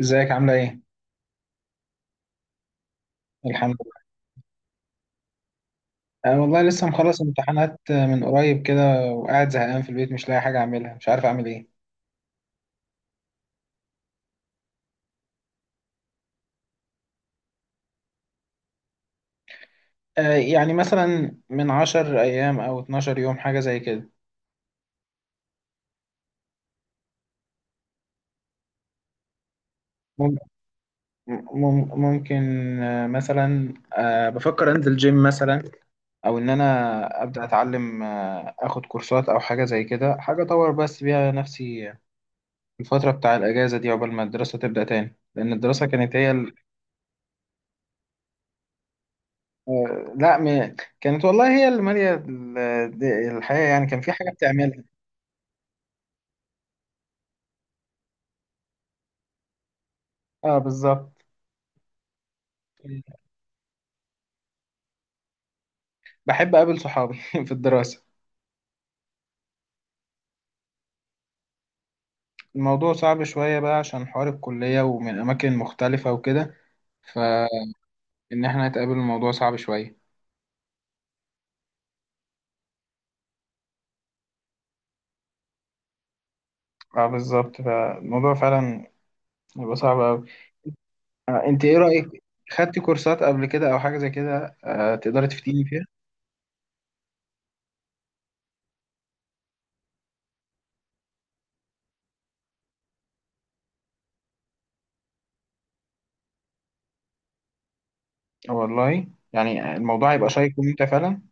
ازيك عاملة ايه؟ الحمد لله. انا والله لسه مخلص امتحانات من قريب كده، وقاعد زهقان في البيت مش لاقي حاجة اعملها، مش عارف اعمل ايه. يعني مثلا من 10 ايام او 12 يوم، حاجة زي كده. مم- ممكن. مثلا بفكر انزل جيم مثلا، او ان انا ابدأ اتعلم، اخد كورسات او حاجة زي كده، حاجة اطور بس بيها نفسي الفترة بتاع الاجازة دي عقبال ما الدراسة تبدأ تاني، لان الدراسة كانت هي لا كانت والله هي اللي مالية الحياة، يعني كان في حاجة بتعملها. اه بالظبط. بحب أقابل صحابي في الدراسة. الموضوع صعب شوية بقى، عشان حوار الكلية ومن أماكن مختلفة وكده. فإن احنا نتقابل، الموضوع صعب شوية. اه بالظبط، فالموضوع فعلا بيبقى صعب أوي. أنت إيه رأيك؟ خدتي كورسات قبل كده أو حاجة زي كده؟ تقدري تفتيني فيها؟ والله يعني الموضوع هيبقى شيق وممتع فعلا.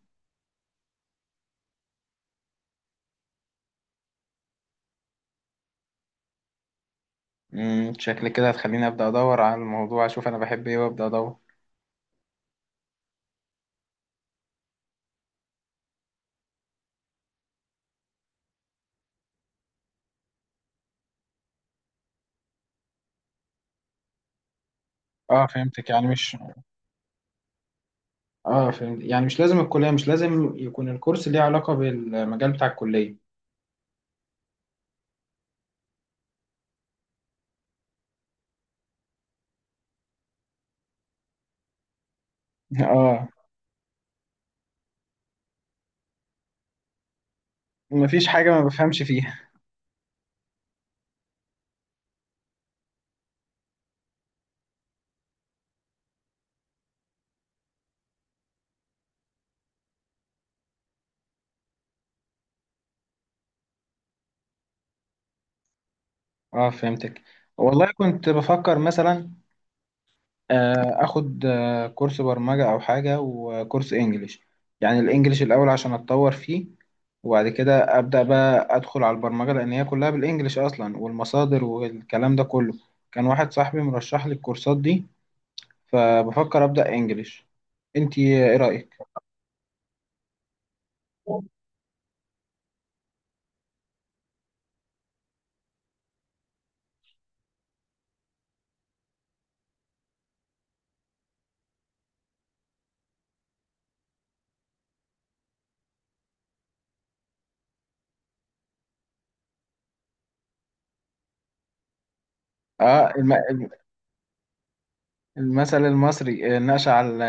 شكل كده هتخليني ابدا ادور على الموضوع، اشوف انا بحب ايه، وابدا ادور. اه فهمتك يعني مش اه فهمت، يعني مش لازم الكليه، مش لازم يكون الكورس ليه علاقه بالمجال بتاع الكليه. اه، مفيش حاجه ما بفهمش فيها. اه فهمتك. والله كنت بفكر مثلا اخد كورس برمجه او حاجه، وكورس انجليش. يعني الانجليش الاول عشان اتطور فيه، وبعد كده أبدأ بقى أدخل على البرمجة، لأن هي كلها بالإنجليش أصلا، والمصادر والكلام ده كله. كان واحد صاحبي مرشح لي الكورسات دي، فبفكر أبدأ إنجليش. أنتي إيه رأيك؟ آه الم... الم- المثل المصري نقش على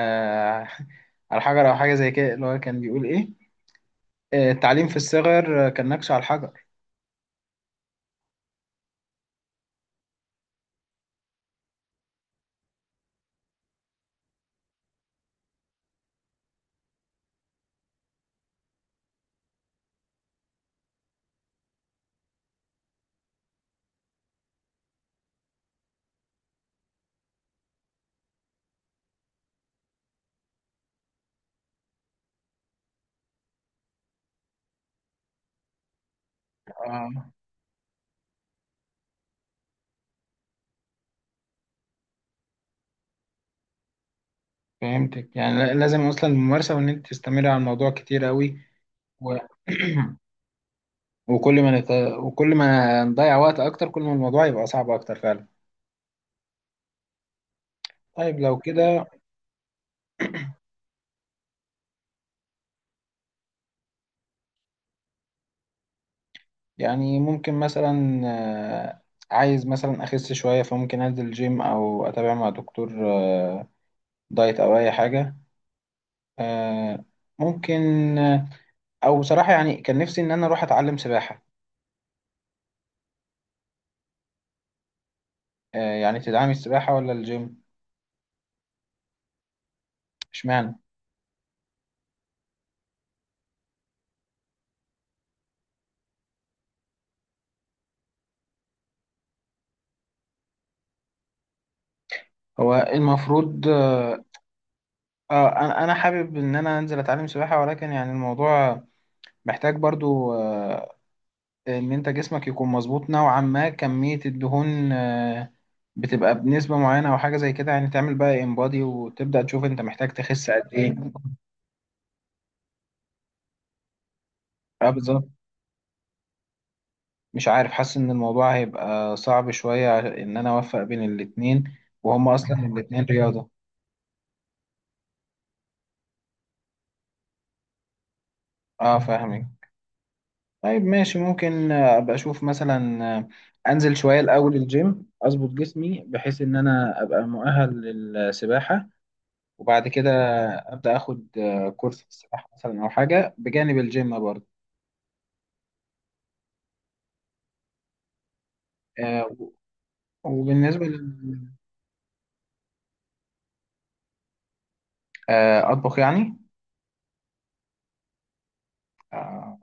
على حجر أو حاجة زي كده، اللي هو كان بيقول إيه؟ التعليم في الصغر كان نقش على الحجر. آه فهمتك، يعني لازم أصلا الممارسة، وإن أنت تستمري على الموضوع كتير أوي. و... وكل ما نت... وكل ما نضيع وقت اكتر، كل ما الموضوع يبقى صعب اكتر فعلا. طيب لو كده، يعني ممكن مثلا عايز مثلا اخس شوية، فممكن انزل جيم او اتابع مع دكتور دايت، او اي حاجة. آه، ممكن. آه، او بصراحة يعني كان نفسي ان انا اروح اتعلم سباحة. يعني تدعمي السباحة ولا الجيم؟ اشمعنى؟ هو المفروض انا حابب ان انا انزل اتعلم سباحة، ولكن يعني الموضوع محتاج برضو ان انت جسمك يكون مظبوط نوعا ما، كمية الدهون بتبقى بنسبة معينة او حاجة زي كده، يعني تعمل بقى انبادي وتبدأ تشوف انت محتاج تخس قد ايه. اه بالظبط. مش عارف، حاسس ان الموضوع هيبقى صعب شوية ان انا اوفق بين الاتنين، وهم اصلا الاتنين رياضة. اه فاهمك. طيب ماشي، ممكن ابقى اشوف مثلا انزل شوية الاول الجيم اظبط جسمي بحيث ان انا ابقى مؤهل للسباحة، وبعد كده ابدا اخد كورس في السباحه مثلا او حاجه بجانب الجيم برضه. آه، وبالنسبه لل- اطبخ يعني؟ آه،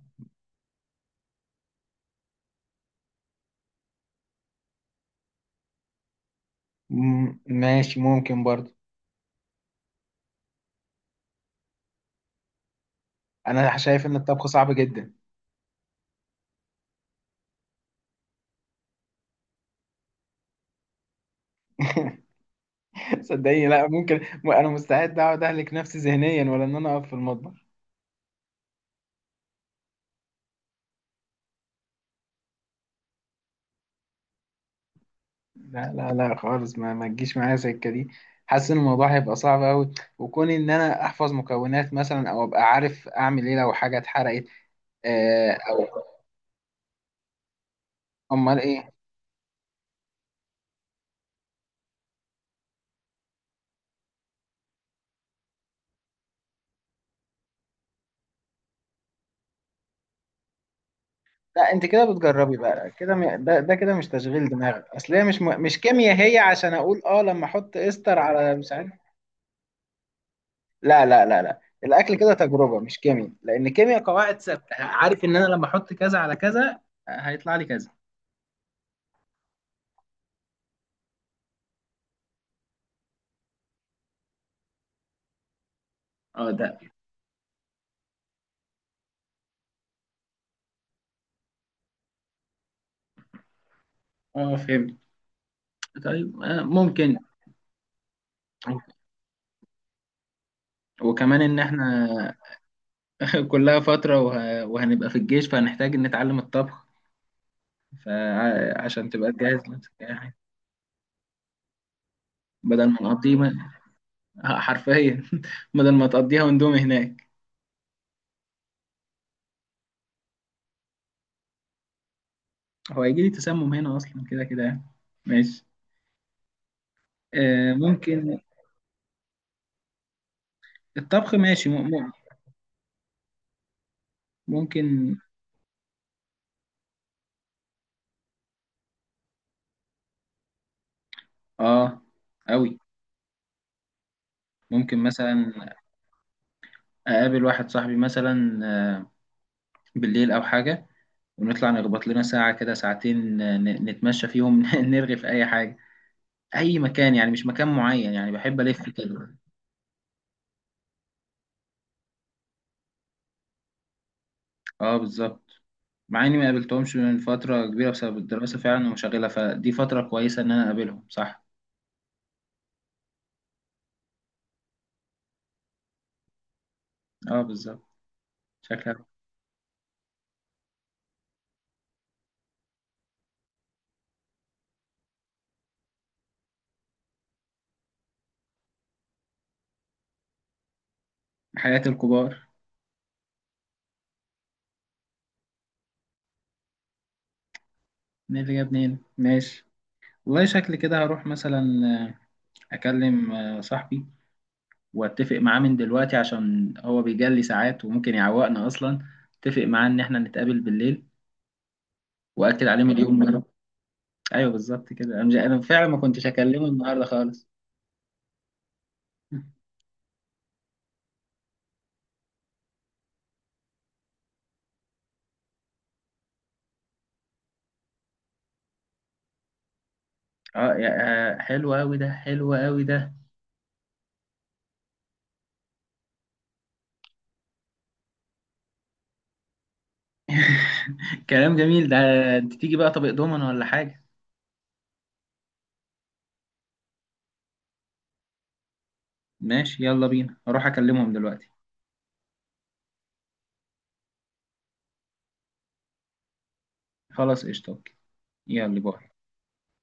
ماشي، ممكن برضه. انا شايف ان الطبخ صعب جدا. صدقيني، لا ممكن. انا مستعد اقعد اهلك نفسي ذهنيا ولا ان انا اقف في المطبخ. لا لا لا خالص، ما تجيش معايا سكه دي. حاسس ان الموضوع هيبقى صعب قوي، وكون ان انا احفظ مكونات مثلا، او ابقى عارف اعمل ايه لو حاجه اتحرقت او امال ايه. لا انت كده بتجربي بقى كده ده كده مش تشغيل دماغ، اصل هي مش كيمياء، هي عشان اقول لما احط استر على مش عارف. لا لا لا لا، الاكل كده تجربه مش كيمياء، لان كيمياء قواعد ثابته، عارف ان انا لما احط كذا على كذا هيطلع لي كذا. اه ده. اه فهمت. طيب ممكن. وكمان ان احنا كلها فتره وهنبقى في الجيش، فهنحتاج نتعلم الطبخ، فعشان تبقى تجهز نفسك أي حاجة. بدل ما نقضيه حرفيا. بدل ما تقضيها وندومي هناك. هو هيجي لي تسمم هنا اصلا كده كده يعني. ماشي ممكن. الطبخ ماشي، ممكن. اه قوي. ممكن مثلا اقابل واحد صاحبي مثلا بالليل او حاجه، ونطلع نخبط لنا ساعه كده ساعتين، نتمشى فيهم. نرغي في اي حاجه، اي مكان يعني مش مكان معين، يعني بحب الف كده. اه بالظبط، مع اني ما قابلتهمش من فتره كبيره بسبب الدراسه فعلا ومشغله، فدي فتره كويسه ان انا اقابلهم، صح. اه بالظبط. شكلك. حياة الكبار. مين اللي جابني هنا؟ ماشي. والله شكلي كده هروح مثلا آه، أكلم صاحبي، وأتفق معاه من دلوقتي عشان هو بيجلي ساعات وممكن يعوقنا أصلا، أتفق معاه إن إحنا نتقابل بالليل، وأكد عليه مليون مرة. أيوه بالظبط كده، أنا أنا فعلا ما كنتش أكلمه النهاردة خالص. اه حلو أوي ده، حلو أوي ده. كلام جميل ده. أنت تيجي بقى طبق دومنا ولا حاجة؟ ماشي يلا بينا، هروح أكلمهم دلوقتي. خلاص قشطة. يلا باي.